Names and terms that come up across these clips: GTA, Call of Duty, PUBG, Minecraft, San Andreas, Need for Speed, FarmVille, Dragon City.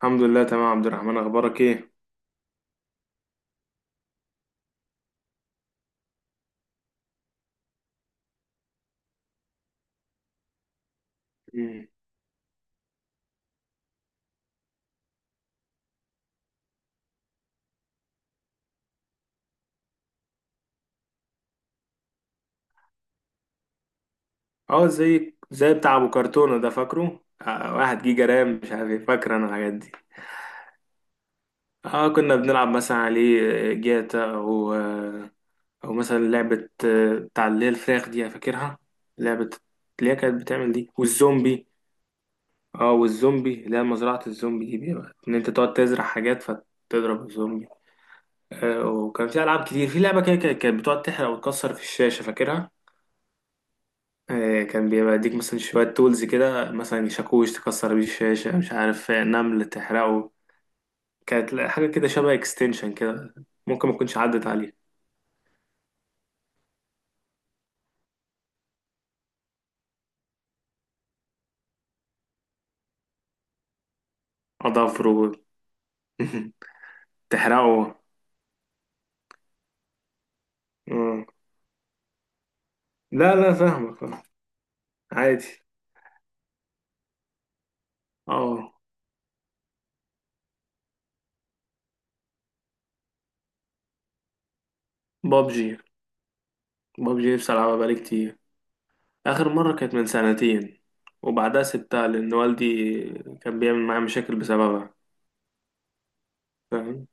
الحمد لله، تمام يا عبد الرحمن. اخبارك ايه؟ مم. اه، زي بتاع ابو كرتونه ده، فاكره؟ واحد جيجا رام، مش عارف ايه. فاكر انا الحاجات دي. اه، كنا بنلعب مثلا عليه جاتا، او او مثلا لعبه بتاع اللي هي الفراخ دي، فاكرها؟ لعبه اللي هي كانت بتعمل دي والزومبي. اه، والزومبي اللي هي مزرعه الزومبي دي، بيبقى ان انت تقعد تزرع حاجات فتضرب الزومبي. وكان في العاب كتير. في لعبه كده كانت بتقعد تحرق وتكسر في الشاشه، فاكرها؟ كان بيبقى يديك مثلا شوية تولز كده، مثلا شاكوش تكسر بيه الشاشة، مش عارف نمل تحرقه. كانت حاجة كده شبه اكستنشن كده. ممكن ما تكونش عدت عليه. أظافره. تحرقه. آه. لا لا، فاهمك. عادي. اه بابجي. بابجي نفسي ألعبها بقالي كتير. آخر مرة كانت من سنتين، وبعدها سبتها لأن والدي كان بيعمل معايا مشاكل بسببها. فاهم.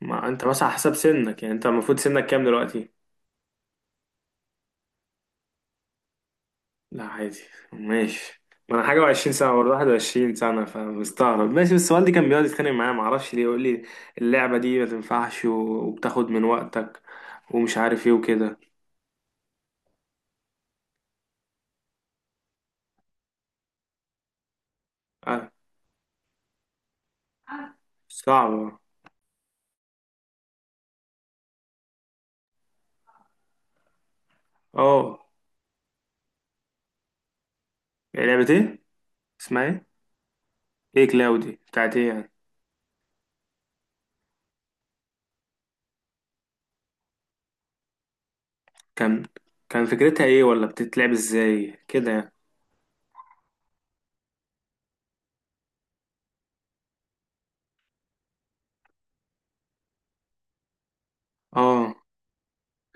ما أنت مثلا على حسب سنك، يعني أنت المفروض سنك كام دلوقتي؟ لا عادي. ماشي. ما انا حاجه و20 سنه، برضه 21 سنه، فمستغرب. ماشي، بس والدي كان بيقعد يتخانق معايا ما اعرفش ليه، يقول لي اللعبه دي ما تنفعش وبتاخد من وقتك ومش عارف ايه وكده. آه. صعبه. اه. إيه، لعبه ايه؟ اسمها ايه؟ ايه كلاودي بتاعت ايه يعني؟ كان كان فكرتها ايه، ولا بتتلعب ازاي كده يعني؟ اه.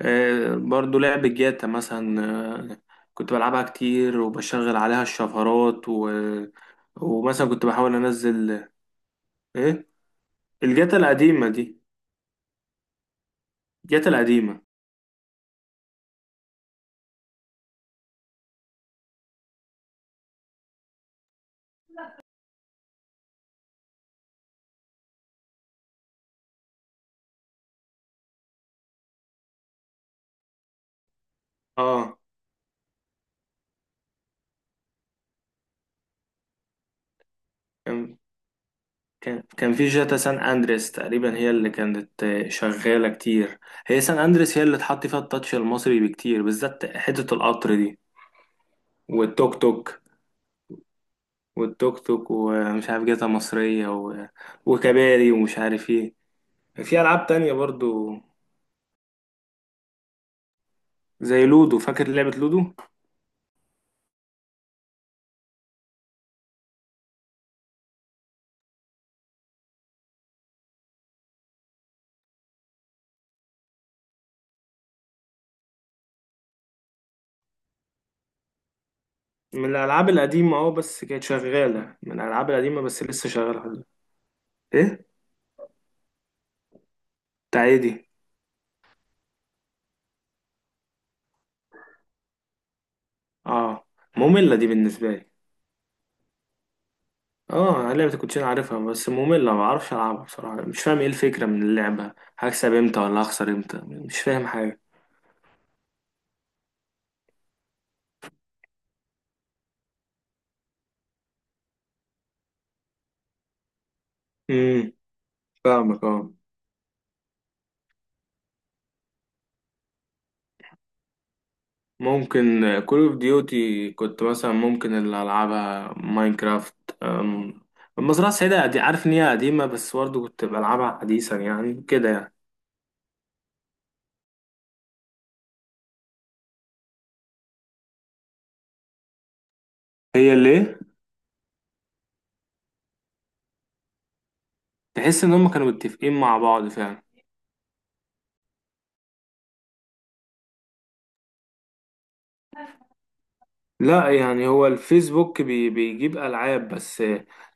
برضو لعب الجاتا مثلا. آه، كنت بلعبها كتير وبشغل عليها الشفرات ومثلا كنت بحاول انزل. ايه؟ الجاتا القديمة دي. الجاتا القديمة. اه. كان كان في جاتا سان اندريس، تقريبا هي اللي كانت شغالة كتير. هي سان اندريس هي اللي اتحط فيها التاتش المصري بكتير، بالذات حتة القطر دي. والتوك توك. ومش عارف جاتا مصرية وكباري ومش عارف ايه. في ألعاب تانية برضو، زي لودو. فاكر لعبة لودو؟ من الألعاب القديمة، اه. بس كانت شغالة، من الألعاب القديمة بس لسه شغالة لحد دلوقتي. إيه. بتاع إيه دي؟ اه، مملة دي بالنسبة لي. اه، لعبة الكوتشينة عارفها بس مملة، ما بعرفش ألعبها بصراحة. مش فاهم إيه الفكرة من اللعبة، هكسب إمتى ولا هخسر إمتى، مش فاهم حاجة. امم. فاهمك، اه. ممكن كول اوف ديوتي كنت مثلا، ممكن اللي ألعبها ماينكرافت. أم، المزرعة السعيدة دي عارف إن هي قديمة، بس برضه كنت بلعبها حديثا، يعني كده يعني. هي اللي ايه؟ تحس ان هم كانوا متفقين مع بعض فعلا. لا، يعني هو الفيسبوك بيجيب العاب بس،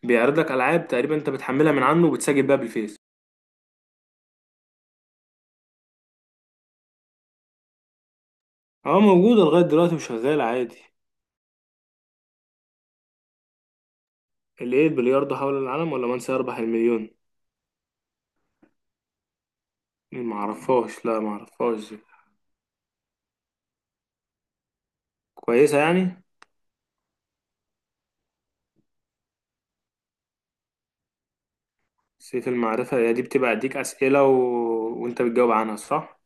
بيعرض لك العاب تقريبا انت بتحملها من عنه وبتسجل بيها بالفيس. اه، موجوده لغايه دلوقتي وشغاله عادي. اللي ايه؟ البلياردو حول العالم ولا من سيربح المليون؟ ما اعرفهاش، لا ما اعرفهاش دي. كويسه يعني؟ سيف المعرفه، هي دي بتبقى اديك اسئله وانت بتجاوب عنها، صح؟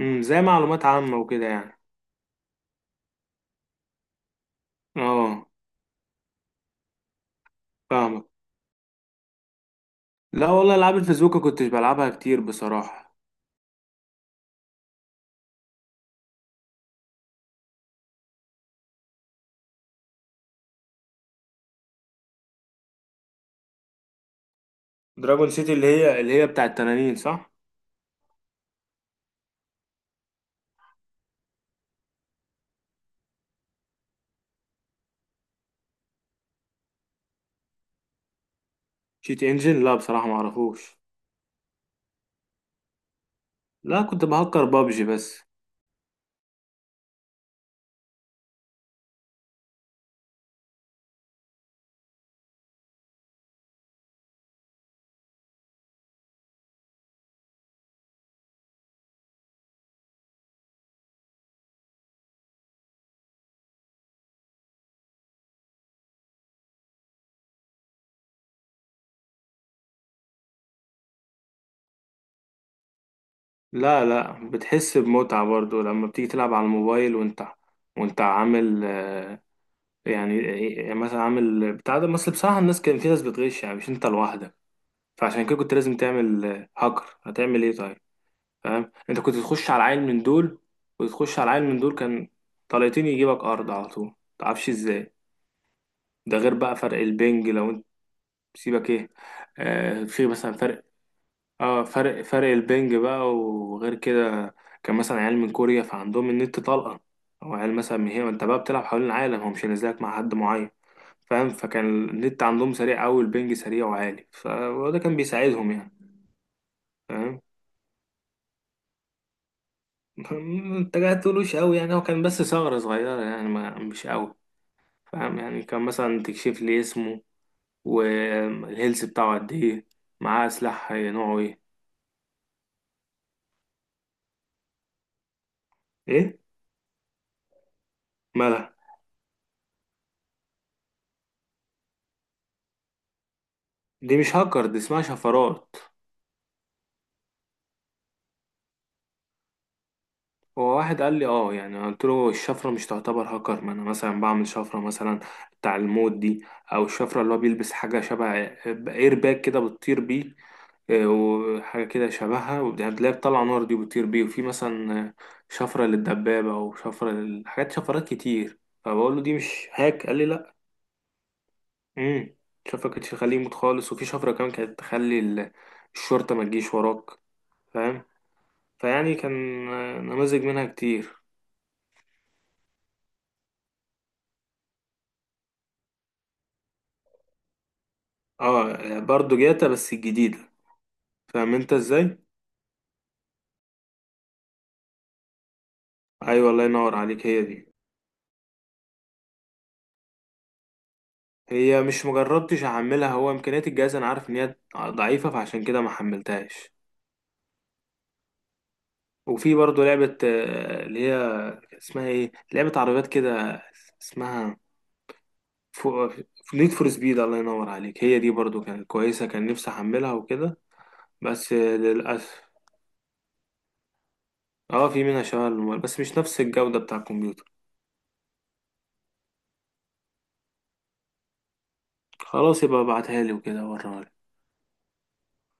امم، زي معلومات عامه وكده يعني. اه. فاهمك. لا والله، العاب الفيسبوك ما كنتش بلعبها كتير بصراحه. دراجون سيتي اللي هي بتاع التنانين، صح؟ شيت انجن؟ لا بصراحة ما اعرفوش. لا، كنت بهكر بابجي بس. لا لا، بتحس بمتعة برضو لما بتيجي تلعب على الموبايل وانت عامل يعني، يعني مثلا عامل بتاع ده. بس بصراحة الناس، كان في ناس بتغش، يعني مش انت لوحدك، فعشان كده كنت لازم تعمل هاكر. هتعمل ايه طيب؟ فاهم، انت كنت تخش على عيل من دول وتخش على عيل من دول، كان طليتين يجيبك ارض على طول، متعرفش ازاي. ده غير بقى فرق البنج. لو انت سيبك ايه، آه، في مثلا فرق. اه، فرق البنج بقى. وغير كده، كان مثلا عيال من كوريا فعندهم النت طلقة. او عيال مثلا من هنا، انت بقى بتلعب حوالين العالم، هو مش نازلك مع حد معين، فاهم. فكان النت عندهم سريع قوي، البنج سريع وعالي، وده كان بيساعدهم يعني. فاهم. انت قاعد تقولوش قوي يعني، هو كان بس ثغرة صغيرة يعني، ما مش قوي. فاهم يعني. كان مثلا تكشف لي اسمه والهيلث بتاعه قد ايه، معاه سلاح نوعه ايه. ايه مالها؟ دي مش هاكر، دي اسمها شفرات. هو واحد قال لي اه، يعني قلت له الشفرة مش تعتبر هاكر. ما انا مثلا بعمل شفرة، مثلا بتاع الموت دي، او الشفرة اللي هو بيلبس حاجة شبه اير باك كده بتطير بيه. وحاجة كده شبهها، وبتلاقيها بتطلع نار دي، بتطير بيه. وفي مثلا شفرة للدبابة، او شفرة حاجات، شفرات كتير. فبقول له دي مش هاك، قال لي لا. امم. شفرة كانت تخليه يموت خالص. وفي شفرة كمان كانت تخلي الشرطة ما تجيش وراك، فاهم. فيعني كان نماذج منها كتير. اه برضو جاتا، بس الجديدة. فاهم انت ازاي؟ ايوه الله ينور عليك، هي دي. هي مش مجربتش احملها، هو امكانيات الجهاز انا عارف ان هي ضعيفة، فعشان كده ما حملتهاش. وفي برضو لعبة اللي هي اسمها ايه، لعبة عربيات كده، اسمها فو... نيد فور سبيد. الله ينور عليك، هي دي برضو كانت كويسة، كان نفسي احملها وكده. بس للأسف. اه، في منها شغل، بس مش نفس الجودة بتاع الكمبيوتر. خلاص، يبقى ابعتها لي وكده ورا.